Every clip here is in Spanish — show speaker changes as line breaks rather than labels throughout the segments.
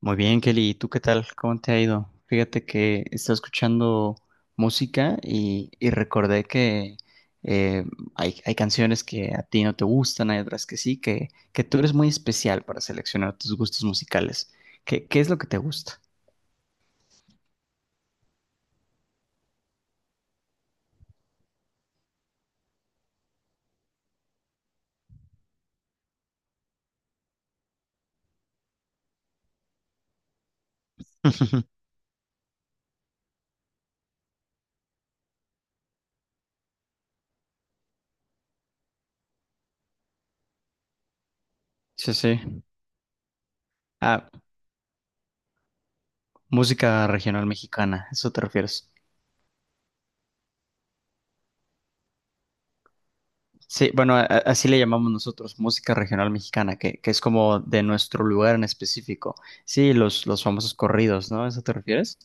Muy bien, Kelly. ¿Y tú qué tal? ¿Cómo te ha ido? Fíjate que estaba escuchando música y recordé que eh, hay canciones que a ti no te gustan, hay otras que sí, que tú eres muy especial para seleccionar tus gustos musicales. ¿Qué es lo que te gusta? Sí, sí. Ah, música regional mexicana, ¿a ¿eso te refieres? Sí, bueno, así le llamamos nosotros, música regional mexicana, que es como de nuestro lugar en específico. Sí, los famosos corridos, ¿no? ¿A ¿Eso te refieres?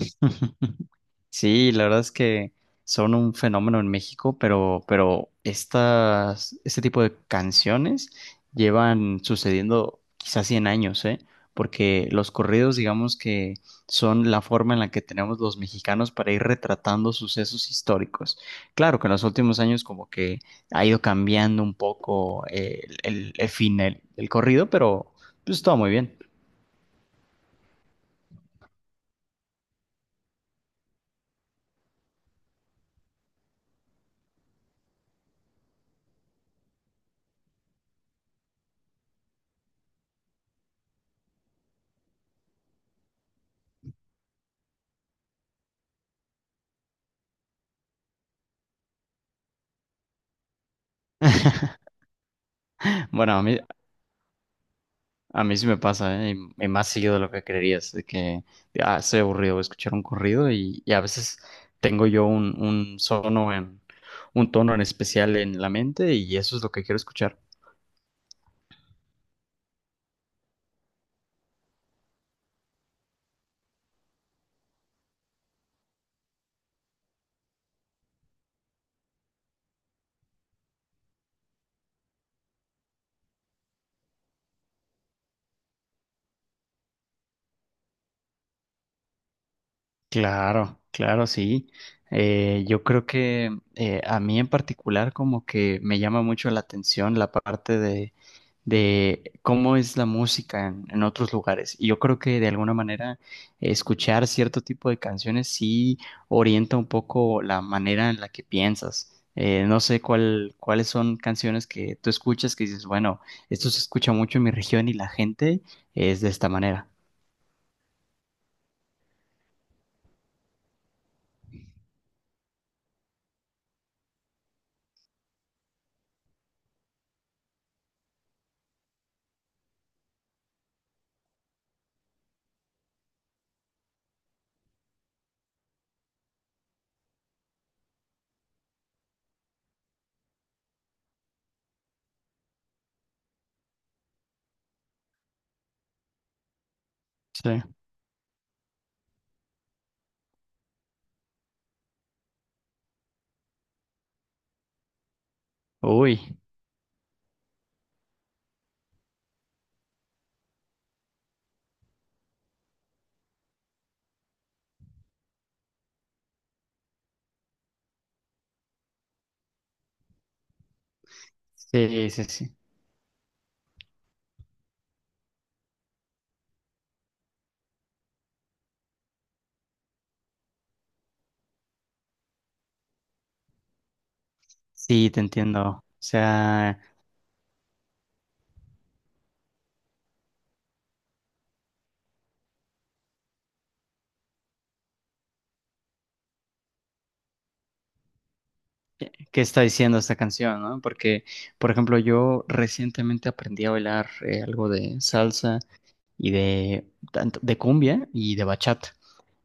Sí, la verdad es que son un fenómeno en México, pero estas, este tipo de canciones llevan sucediendo quizás 100 años, ¿eh? Porque los corridos, digamos que son la forma en la que tenemos los mexicanos para ir retratando sucesos históricos. Claro que en los últimos años como que ha ido cambiando un poco el fin del corrido, pero pues todo muy bien. Bueno, a mí sí me pasa, ¿eh? Y más seguido de lo que creerías, de que ah, estoy aburrido, voy a escuchar un corrido y a veces tengo yo un sono en, un tono en especial en la mente y eso es lo que quiero escuchar. Claro, claro, sí. Yo creo que a mí en particular como que me llama mucho la atención la parte de cómo es la música en otros lugares. Y yo creo que de alguna manera escuchar cierto tipo de canciones sí orienta un poco la manera en la que piensas. No sé cuáles son canciones que tú escuchas que dices, bueno, esto se escucha mucho en mi región y la gente es de esta manera. Sí. Uy, sí, sí, sí. Sí, te entiendo. O sea, ¿qué está diciendo esta canción, no? Porque, por ejemplo, yo recientemente aprendí a bailar algo de salsa y de, tanto- de cumbia y de bachata.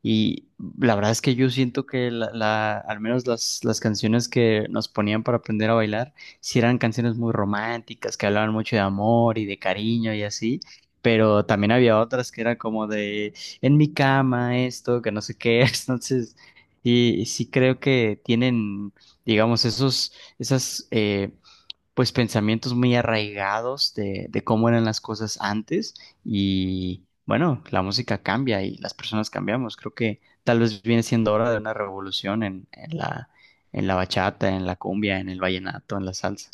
Y la verdad es que yo siento que al menos las canciones que nos ponían para aprender a bailar, sí eran canciones muy románticas, que hablaban mucho de amor y de cariño y así, pero también había otras que eran como de en mi cama esto, que no sé qué, entonces, y sí creo que tienen, digamos, esas... pues pensamientos muy arraigados de cómo eran las cosas antes y bueno, la música cambia y las personas cambiamos. Creo que tal vez viene siendo hora de una revolución en la bachata, en la cumbia, en el vallenato, en la salsa.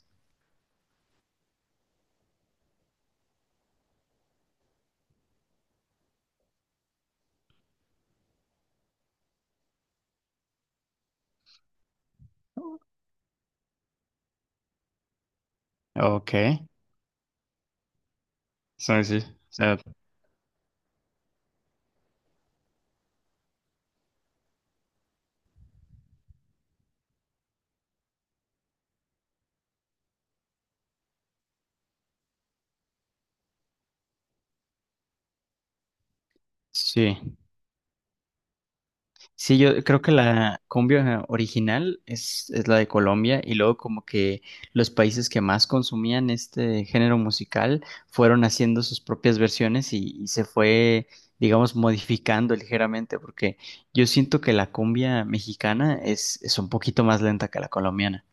Ok, sí, sí, o sea, sí. Sí, yo creo que la cumbia original es la de Colombia y luego como que los países que más consumían este género musical fueron haciendo sus propias versiones y se fue, digamos, modificando ligeramente porque yo siento que la cumbia mexicana es un poquito más lenta que la colombiana.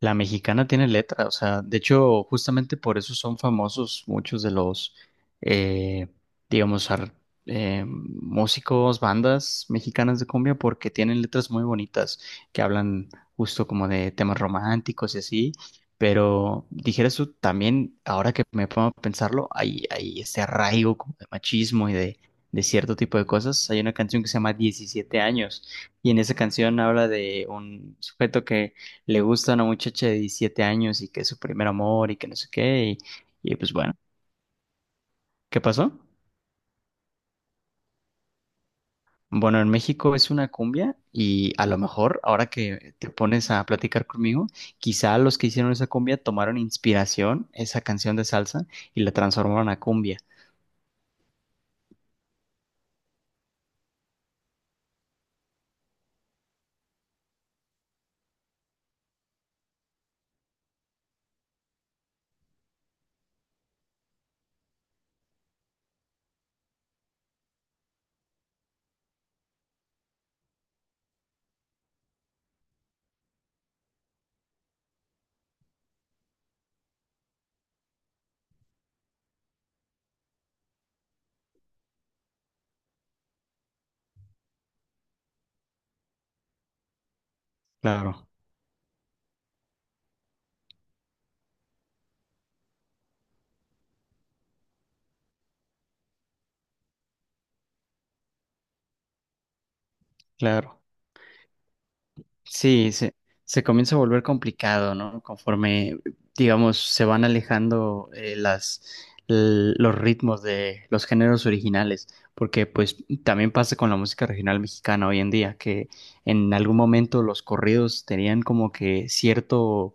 La mexicana tiene letra, o sea, de hecho, justamente por eso son famosos muchos de los, eh, digamos, músicos, bandas mexicanas de cumbia, porque tienen letras muy bonitas que hablan justo como de temas románticos y así. Pero dijeras tú también, ahora que me pongo a pensarlo, hay ese arraigo como de machismo y de cierto tipo de cosas. Hay una canción que se llama 17 años y en esa canción habla de un sujeto que le gusta a una muchacha de 17 años y que es su primer amor y que no sé qué. Y pues bueno, ¿qué pasó? Bueno, en México es una cumbia y a lo mejor ahora que te pones a platicar conmigo, quizá los que hicieron esa cumbia tomaron inspiración, esa canción de salsa, y la transformaron a cumbia. Claro, claro. Sí, se, Se comienza a volver complicado, ¿no? Conforme, digamos, se van alejando los ritmos de los géneros originales, porque pues también pasa con la música regional mexicana hoy en día, que en algún momento los corridos tenían como que cierto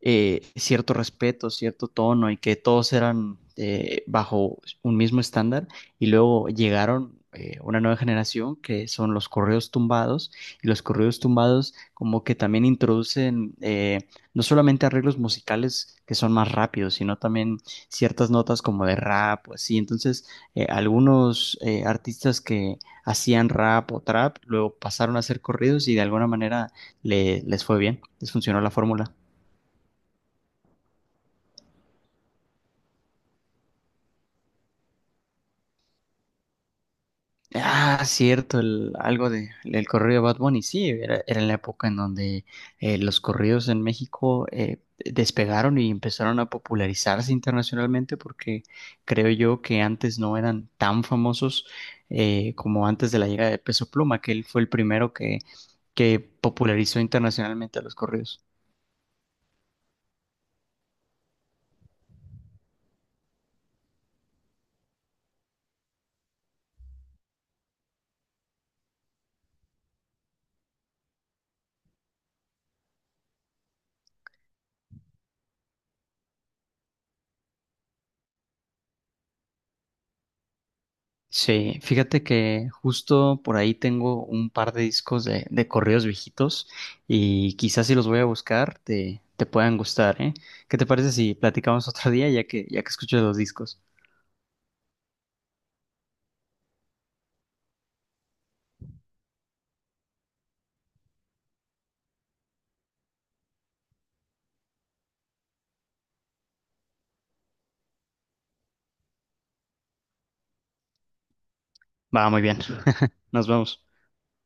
cierto respeto, cierto tono y que todos eran bajo un mismo estándar y luego llegaron una nueva generación que son los correos tumbados y los correos tumbados como que también introducen no solamente arreglos musicales que son más rápidos, sino también ciertas notas como de rap o así. Entonces, algunos artistas que hacían rap o trap luego pasaron a hacer corridos y de alguna manera les fue bien, les funcionó la fórmula. Ah, cierto, el, algo de el corrido de Bad Bunny, sí, era en la época en donde los corridos en México despegaron y empezaron a popularizarse internacionalmente porque creo yo que antes no eran tan famosos como antes de la llegada de Peso Pluma, que él fue el primero que popularizó internacionalmente a los corridos. Sí, fíjate que justo por ahí tengo un par de discos de corridos viejitos y quizás si los voy a buscar te puedan gustar, ¿eh? ¿Qué te parece si platicamos otro día ya que escucho los discos? Va, muy bien. Nos vemos.